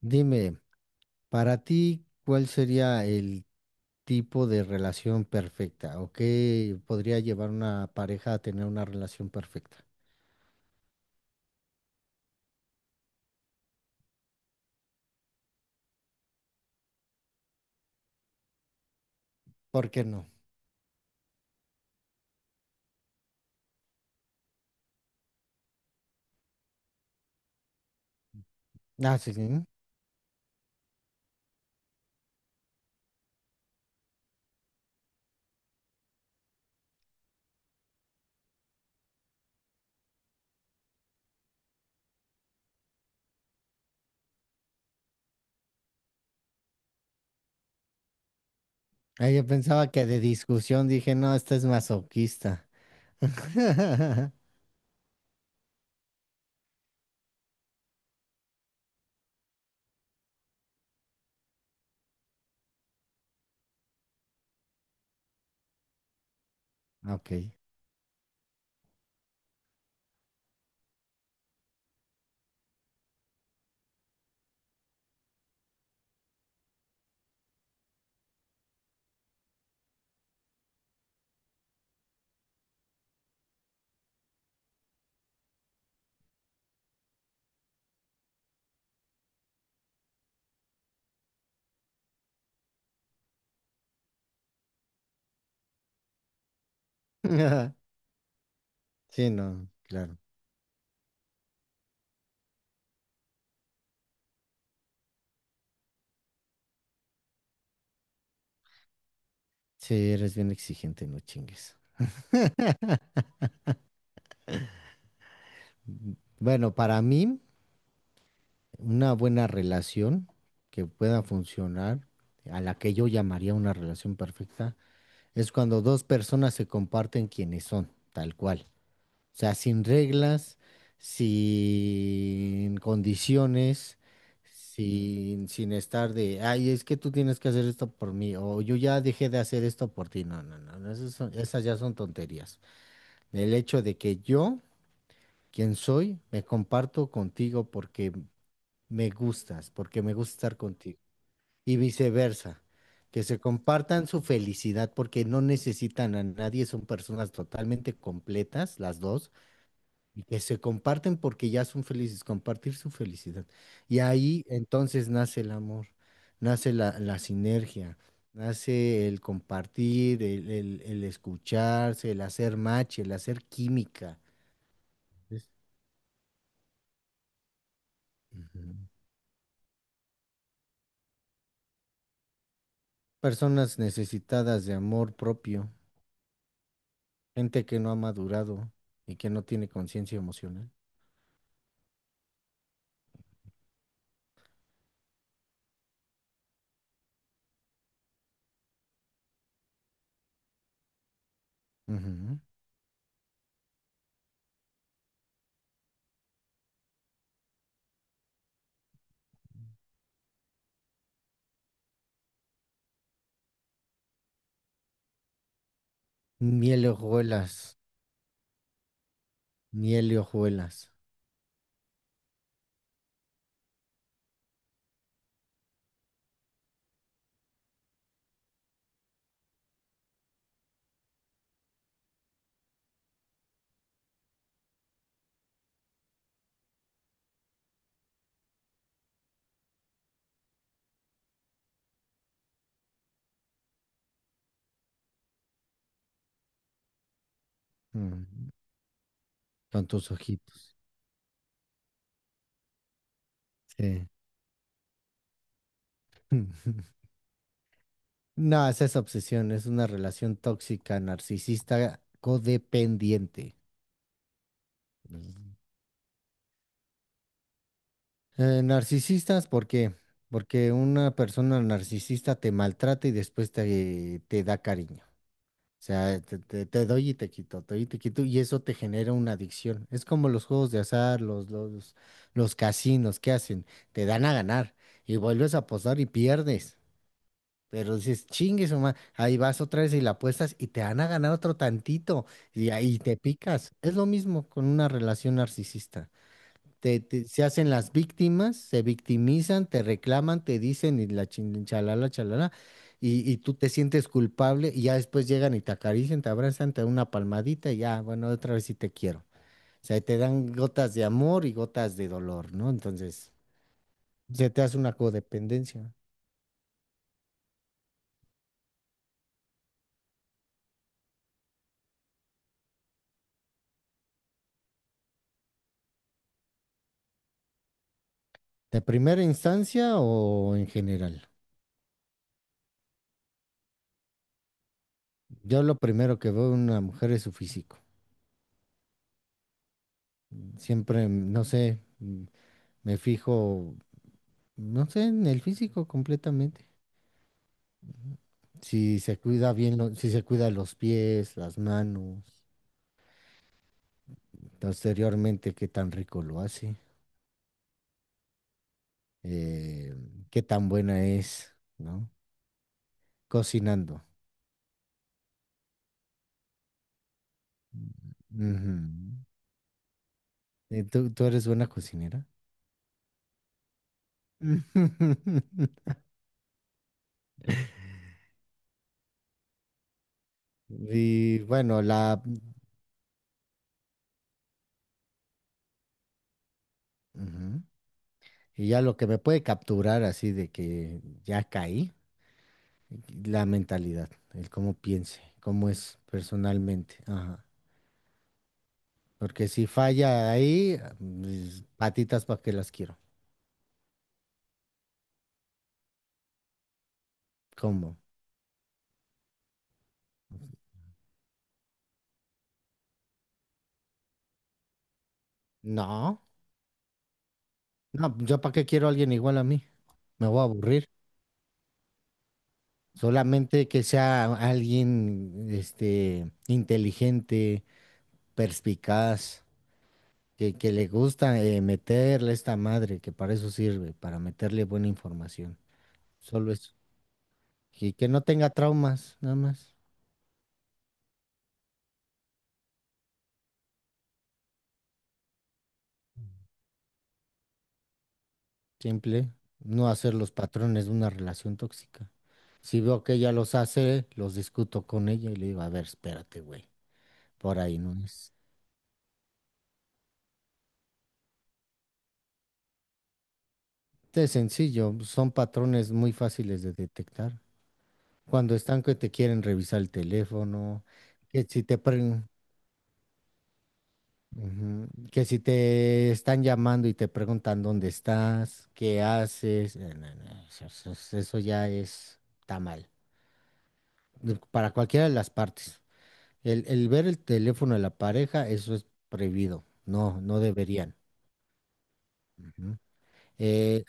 Dime, para ti, ¿cuál sería el tipo de relación perfecta? ¿O qué podría llevar una pareja a tener una relación perfecta? ¿Por qué no? Ah, sí, sí. Ah, yo pensaba que de discusión dije, no, esta es masoquista. Ok. Sí, no, claro. Sí, eres bien exigente, no chingues. Mm, Bueno, para mí, una buena relación que pueda funcionar, a la que yo llamaría una relación perfecta es cuando dos personas se comparten quienes son, tal cual. O sea, sin reglas, sin condiciones, sin estar de, ay, es que tú tienes que hacer esto por mí, o yo ya dejé de hacer esto por ti. No, no, no, no, esas ya son tonterías. El hecho de que yo, quien soy, me comparto contigo porque me gustas, porque me gusta estar contigo y viceversa, que se compartan su felicidad porque no necesitan a nadie, son personas totalmente completas las dos y que se comparten porque ya son felices, compartir su felicidad. Y ahí entonces nace el amor, nace la sinergia, nace el compartir, el escucharse, el hacer match, el hacer química. Es- Ujú. Personas necesitadas de amor propio, gente que no ha madurado y que no tiene conciencia emocional. Ujú. Miel y hojuelas, miel y hojuelas. Mm. Con tus ojitos. Sí. No, es esa obsesión, es una relación tóxica, narcisista, codependiente. Mm. Narcisistas, ¿por qué? Porque una persona narcisista te maltrata y después te da cariño. O sea, te doy y te quito, te doy y te quito, y eso te genera una adicción. Es como los juegos de azar, los casinos, ¿qué hacen? Te dan a ganar y vuelves a apostar y pierdes. Pero dices, chingue su ma-". Ahí vas otra vez y la apuestas y te van a ganar otro tantito y ahí te picas. Es lo mismo con una relación narcisista. Se hacen las víctimas, se victimizan, te reclaman, te dicen y la chalala, chalala, y, tú te sientes culpable y ya después llegan y te acarician, te abrazan, te dan una palmadita y ya, bueno, otra vez sí te quiero. O sea, te dan gotas de amor y gotas de dolor, ¿no? Entonces, se te hace una codependencia. ¿De primera instancia o en general? Yo lo primero que veo en una mujer es su físico. Siempre, no sé, me fijo, no sé, en el físico completamente. Si se cuida bien, si se cuida los pies, las manos, posteriormente qué tan rico lo hace, eh, qué tan buena es, ¿no? Cocinando. Ujú. ¿Tú eres buena cocinera? Y bueno, la... Ujú. Y ya lo que me puede capturar así de que ya caí, la mentalidad, el cómo piense, cómo es personalmente. Ajá. Porque si falla ahí, mis patitas para qué las quiero. ¿Cómo? No, no, yo para qué quiero a alguien igual a mí. Me voy a aburrir. Solamente que sea alguien, este, inteligente, perspicaz, que, le gusta meterle a esta madre, que para eso sirve, para meterle buena información. Solo eso. Y que no tenga traumas, nada más. Simple, no hacer los patrones de una relación tóxica. Si veo que ella los hace, los discuto con ella y le digo, a ver, espérate, güey, por ahí no es. Es sencillo, son patrones muy fáciles de detectar. Cuando están que te quieren revisar el teléfono, que si te pre- Ujú. Que si te están llamando y te preguntan dónde estás, qué haces, no, no, eso ya es, está mal. Para cualquiera de las partes. El ver el teléfono de la pareja, eso es prohibido. No, no deberían. Ujú. Eh,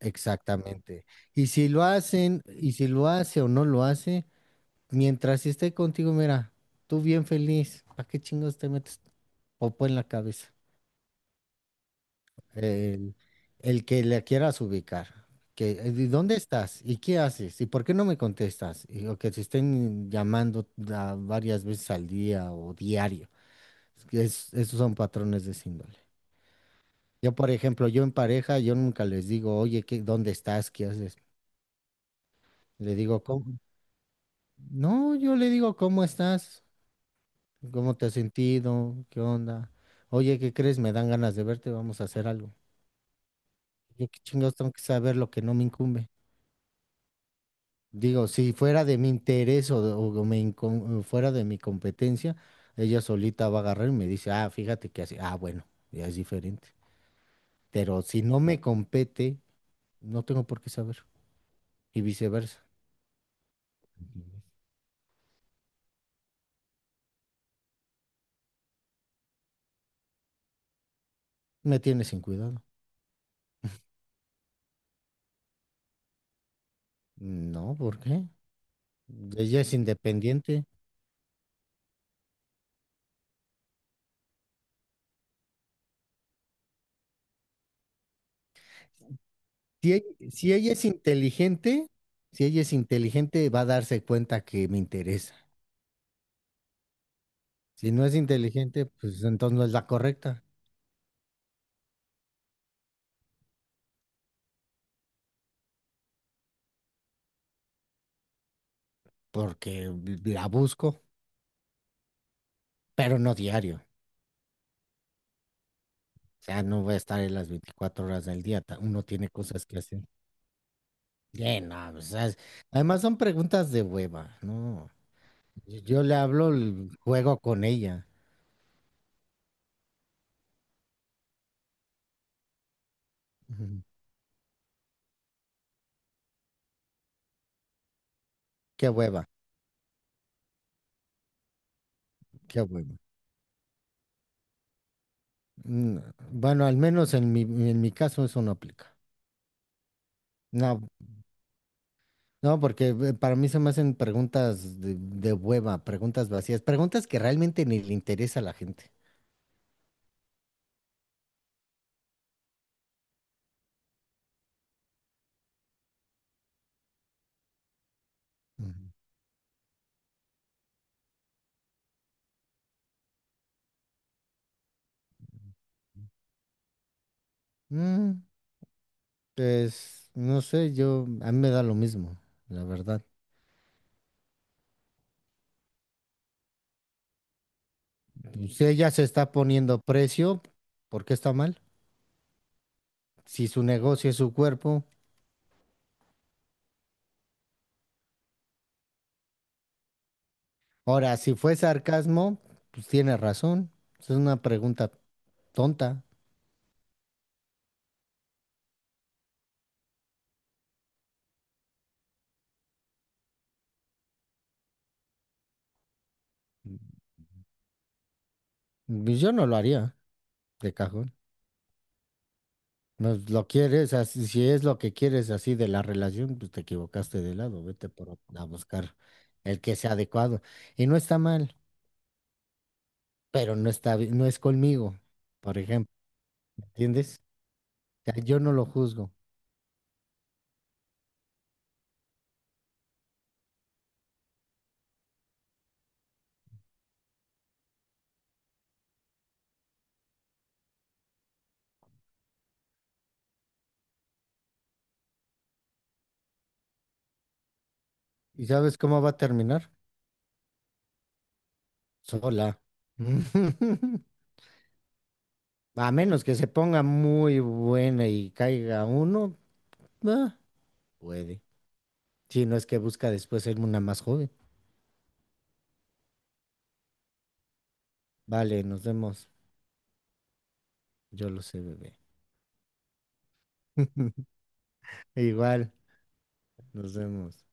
Exactamente. Y si lo hacen, y si lo hace o no lo hace, mientras esté contigo, mira, tú bien feliz, ¿para qué chingos te metes popo en la cabeza? El, el que le quieras ubicar. Que, ¿y dónde estás? ¿Y qué haces? ¿Y por qué no me contestas? Y, o que te estén llamando varias veces al día o diario. Esos son patrones de esa índole. Yo, por ejemplo, yo en pareja, yo nunca les digo, oye, ¿qué, dónde estás? ¿Qué haces? Le digo, ¿cómo? No, yo le digo, ¿cómo estás? ¿Cómo te has sentido? ¿Qué onda? Oye, ¿qué crees? Me dan ganas de verte, vamos a hacer algo. Yo qué chingados tengo que saber lo que no me incumbe. Digo, si fuera de mi interés o me fuera de mi competencia, ella solita va a agarrar y me dice, ah, fíjate que así, ah, bueno, ya es diferente. Pero si no me compete, no tengo por qué saber. Y viceversa. Me tienes sin cuidado. No, ¿por qué? Ella es independiente. Si ella es inteligente, va a darse cuenta que me interesa. Si no es inteligente, pues entonces no es la correcta, porque la busco, pero no diario. O sea, no voy a estar en las 24 horas del día. Uno tiene cosas que hacer. No, o sea, además son preguntas de hueva, ¿no? Yo le hablo, juego con ella. Ujú. Qué hueva, qué hueva. Mm, Bueno, al menos en en mi caso eso no aplica. No, no, porque para mí se me hacen preguntas de, hueva, preguntas vacías, preguntas que realmente ni le interesa a la gente. Ujú. Mm, pues, no sé, yo, a mí me da lo mismo, la verdad. Si ella se está poniendo precio, ¿por qué está mal? Si su negocio es su cuerpo. Ahora, si fue sarcasmo, pues tiene razón. Es una pregunta tonta. Pues yo no lo haría, de cajón. No lo quieres, así, si es lo que quieres así de la relación, pues te equivocaste de lado, vete por, a buscar el que sea adecuado. Y no está mal, pero no está, no es conmigo, por ejemplo, ¿entiendes? O sea, yo no lo juzgo. ¿Y sabes cómo va a terminar? Sola. A menos que se ponga muy buena y caiga uno, ah, puede. Si no es que busca después ser una más joven. Vale, nos vemos. Yo lo sé, bebé. Igual, nos vemos.